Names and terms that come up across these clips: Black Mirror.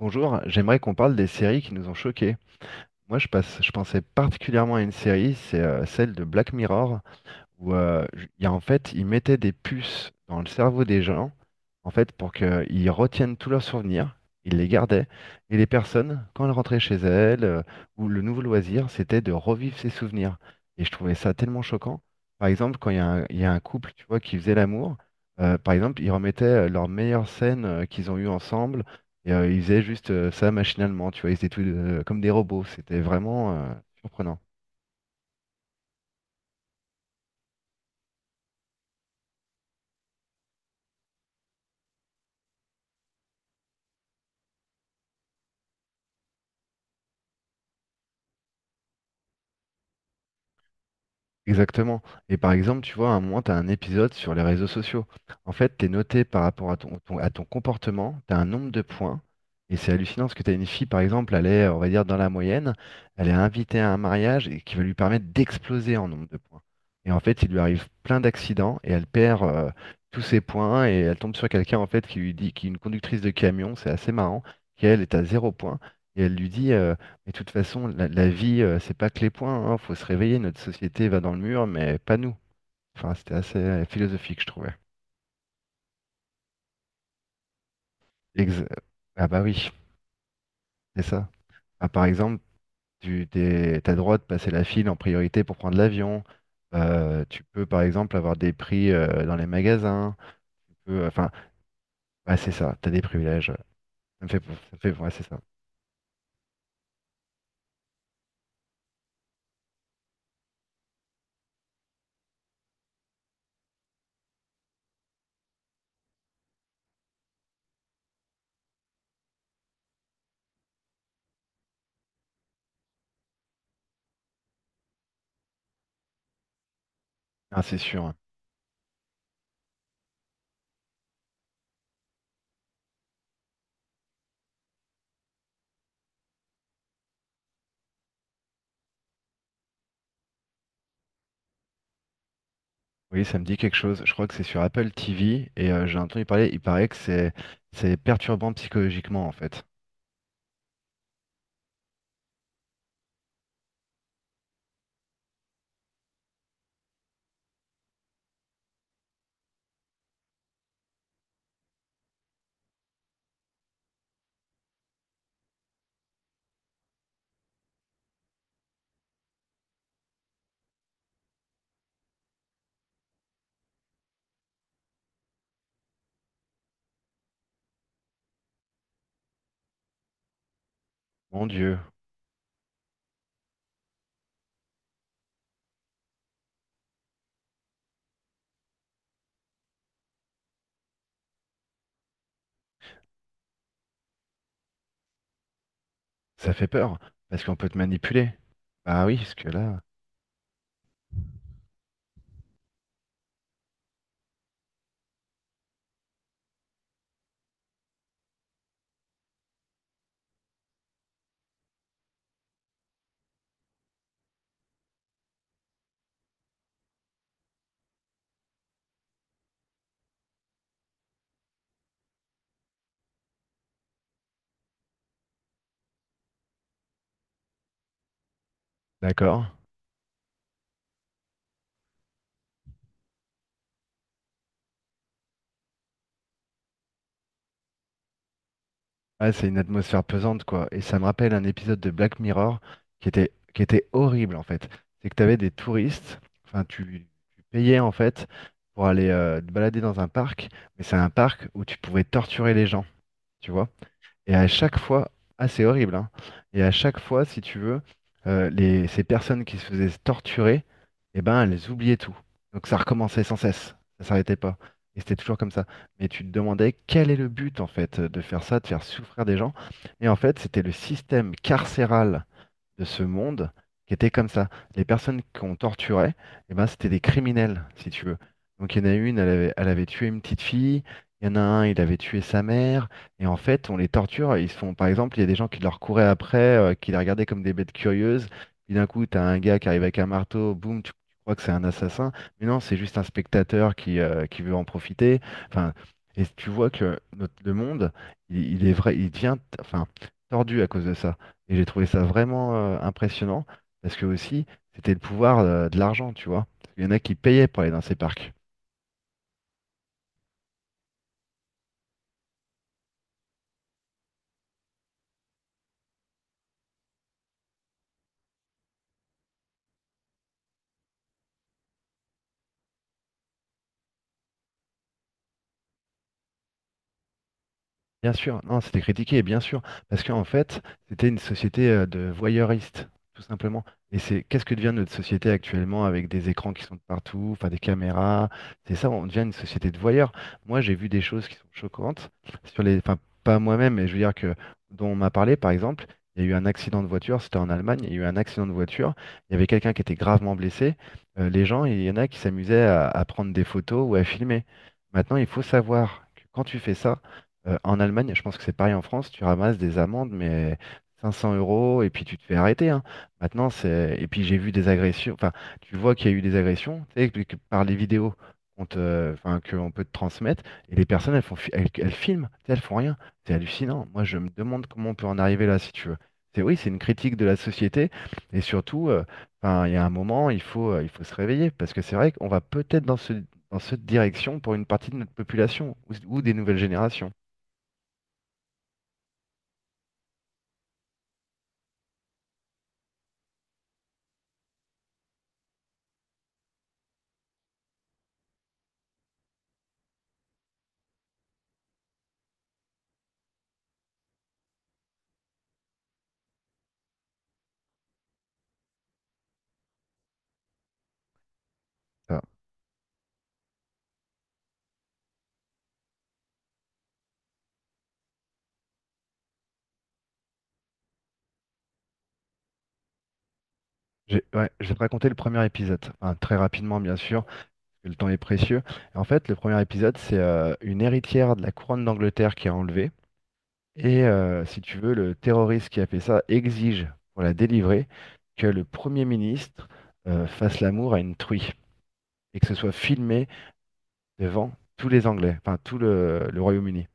Bonjour, j'aimerais qu'on parle des séries qui nous ont choqués. Moi, je passe, je pensais particulièrement à une série, c'est celle de Black Mirror où il y a, en fait, ils mettaient des puces dans le cerveau des gens, en fait, pour qu'ils retiennent tous leurs souvenirs, ils les gardaient, et les personnes, quand elles rentraient chez elles, ou le nouveau loisir, c'était de revivre ces souvenirs. Et je trouvais ça tellement choquant. Par exemple, quand il y a un couple, tu vois, qui faisait l'amour, par exemple, ils remettaient leurs meilleures scènes qu'ils ont eues ensemble, et ils faisaient juste ça machinalement, tu vois, ils étaient tous, comme des robots, c'était vraiment surprenant. Exactement. Et par exemple, tu vois, à un moment, tu as un épisode sur les réseaux sociaux. En fait, tu es noté par rapport à à ton comportement, tu as un nombre de points. Et c'est hallucinant parce que tu as une fille, par exemple, elle est, on va dire, dans la moyenne, elle est invitée à un mariage et qui va lui permettre d'exploser en nombre de points. Et en fait, il lui arrive plein d'accidents et elle perd tous ses points, et elle tombe sur quelqu'un, en fait, qui lui dit, qui est une conductrice de camion, c'est assez marrant, qui elle est à zéro point. Et elle lui dit, et de toute façon, la vie, c'est pas que les points, hein, faut se réveiller, notre société va dans le mur, mais pas nous. Enfin, c'était assez philosophique, je trouvais. Ex- ah, bah oui, c'est ça. Ah, par exemple, t'as le droit de passer la file en priorité pour prendre l'avion. Tu peux, par exemple, avoir des prix dans les magasins. Tu peux, enfin, ouais, c'est ça, t'as des privilèges. Ça me fait, ouais, c'est ça. Ah, c'est sûr, hein. Oui, ça me dit quelque chose. Je crois que c'est sur Apple TV et j'ai entendu parler, il paraît que c'est perturbant psychologiquement, en fait. Mon Dieu, ça fait peur, parce qu'on peut te manipuler. Ah oui, parce que là, d'accord. Ah, c'est une atmosphère pesante, quoi. Et ça me rappelle un épisode de Black Mirror qui était horrible, en fait. C'est que tu avais des touristes, enfin, tu payais, en fait, pour aller te balader dans un parc, mais c'est un parc où tu pouvais torturer les gens, tu vois. Et à chaque fois, ah, c'est horrible, hein. Et à chaque fois, si tu veux, ces personnes qui se faisaient torturer, eh ben, elles oubliaient tout. Donc ça recommençait sans cesse, ça s'arrêtait pas. Et c'était toujours comme ça. Mais tu te demandais quel est le but, en fait, de faire ça, de faire souffrir des gens. Et en fait, c'était le système carcéral de ce monde qui étaient comme ça. Les personnes qu'on torturait, eh ben, c'était des criminels, si tu veux. Donc il y en a une, elle avait tué une petite fille, il y en a un, il avait tué sa mère, et en fait, on les torture, ils se font, par exemple, il y a des gens qui leur couraient après, qui les regardaient comme des bêtes curieuses, puis d'un coup, t'as un gars qui arrive avec un marteau, boum, tu crois que c'est un assassin, mais non, c'est juste un spectateur qui veut en profiter. Enfin, et tu vois que le monde, il est vrai, il devient, enfin, tordu à cause de ça. Et j'ai trouvé ça vraiment impressionnant, parce que aussi, c'était le pouvoir de l'argent, tu vois. Il y en a qui payaient pour aller dans ces parcs. Bien sûr, non, c'était critiqué, bien sûr, parce qu'en fait, c'était une société de voyeuristes, tout simplement. Et c'est qu'est-ce que devient notre société actuellement, avec des écrans qui sont de partout, enfin des caméras, c'est ça, on devient une société de voyeurs. Moi, j'ai vu des choses qui sont choquantes sur les, enfin pas moi-même, mais je veux dire que dont on m'a parlé, par exemple, il y a eu un accident de voiture, c'était en Allemagne, il y a eu un accident de voiture, il y avait quelqu'un qui était gravement blessé. Les gens, il y en a qui s'amusaient à prendre des photos ou à filmer. Maintenant, il faut savoir que quand tu fais ça en Allemagne, je pense que c'est pareil en France, tu ramasses des amendes, mais 500 euros, et puis tu te fais arrêter, hein. Maintenant, c'est... Et puis j'ai vu des agressions, enfin, tu vois qu'il y a eu des agressions, tu sais, que par les vidéos qu'on te... enfin, qu'on peut te transmettre, et les personnes, elles font... elles filment, tu sais, elles font rien. C'est hallucinant. Moi, je me demande comment on peut en arriver là, si tu veux. C'est oui, c'est une critique de la société, et surtout, enfin, il y a un moment, il faut se réveiller, parce que c'est vrai qu'on va peut-être dans ce... dans cette direction pour une partie de notre population ou des nouvelles générations. Ça. J'ai ouais, je vais te raconter le premier épisode, enfin, très rapidement bien sûr, parce que le temps est précieux. En fait, le premier épisode, c'est une héritière de la couronne d'Angleterre qui est enlevée. Et si tu veux, le terroriste qui a fait ça exige, pour la délivrer, que le Premier ministre fasse l'amour à une truie et que ce soit filmé devant tous les Anglais, enfin tout le Royaume-Uni.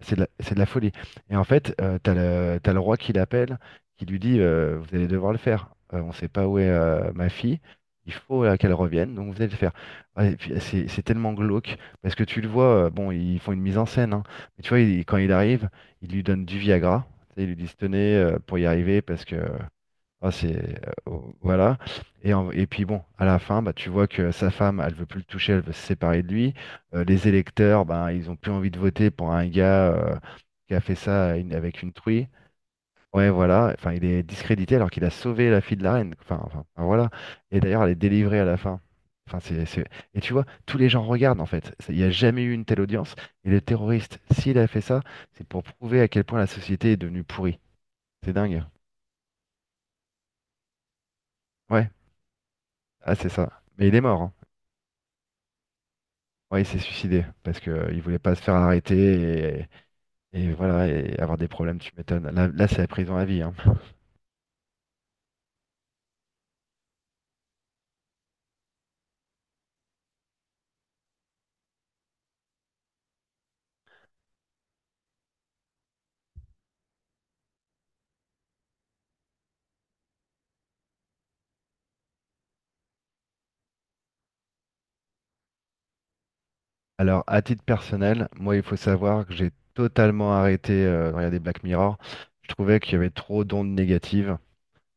C'est de la folie. Et en fait, t'as le roi qui l'appelle, qui lui dit vous allez devoir le faire. On sait pas où est ma fille. Il faut qu'elle revienne, donc vous allez le faire. Ouais, et puis, c'est tellement glauque, parce que tu le vois, bon, ils font une mise en scène, hein. Mais tu vois, quand il arrive, il lui donne du Viagra. Tu sais, ils lui disent tenez, pour y arriver, parce que ah, c'est oh, voilà. Et puis bon, à la fin, bah, tu vois que sa femme, elle veut plus le toucher, elle veut se séparer de lui. Les électeurs ben ils ont plus envie de voter pour un gars qui a fait ça à une- avec une truie. Ouais voilà, enfin il est discrédité alors qu'il a sauvé la fille de la reine, enfin, enfin, enfin, voilà. Et d'ailleurs elle est délivrée à la fin, enfin et tu vois tous les gens regardent, en fait. Il n'y a jamais eu une telle audience, et le terroriste, s'il a fait ça, c'est pour prouver à quel point la société est devenue pourrie. C'est dingue. Ouais, ah c'est ça, mais il est mort, hein. Ouais, il s'est suicidé parce que il voulait pas se faire arrêter, et voilà, et avoir des problèmes, tu m'étonnes. Là, c'est la prison à vie, hein. Alors, à titre personnel, moi, il faut savoir que j'ai totalement arrêté de regarder Black Mirror. Je trouvais qu'il y avait trop d'ondes négatives.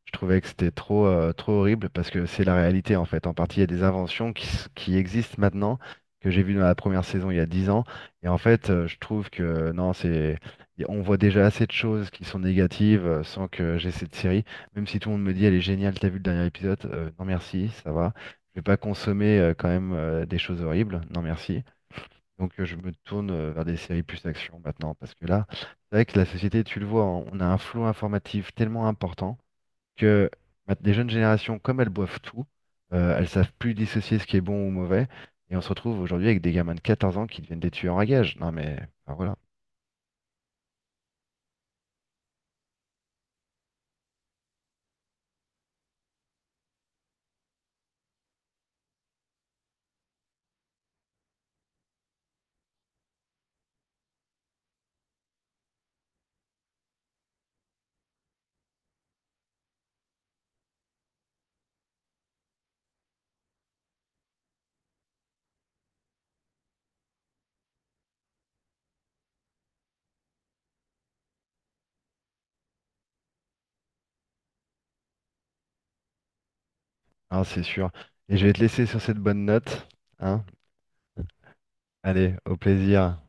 Je trouvais que c'était trop horrible, parce que c'est la réalité en fait. En partie, il y a des inventions qui existent maintenant, que j'ai vues dans la première saison il y a 10 ans. Et en fait, je trouve que non, on voit déjà assez de choses qui sont négatives sans que j'ai cette série. Même si tout le monde me dit elle est géniale, t'as vu le dernier épisode? Non merci, ça va. Je vais pas consommer quand même des choses horribles. Non merci. Donc je me tourne vers des séries plus action maintenant, parce que là, c'est vrai que la société, tu le vois, on a un flot informatif tellement important que les jeunes générations, comme elles boivent tout, elles savent plus dissocier ce qui est bon ou mauvais. Et on se retrouve aujourd'hui avec des gamins de 14 ans qui deviennent des tueurs à gages. Non mais enfin, voilà. Hein, c'est sûr. Et je vais te laisser sur cette bonne note. Hein. Allez, au plaisir.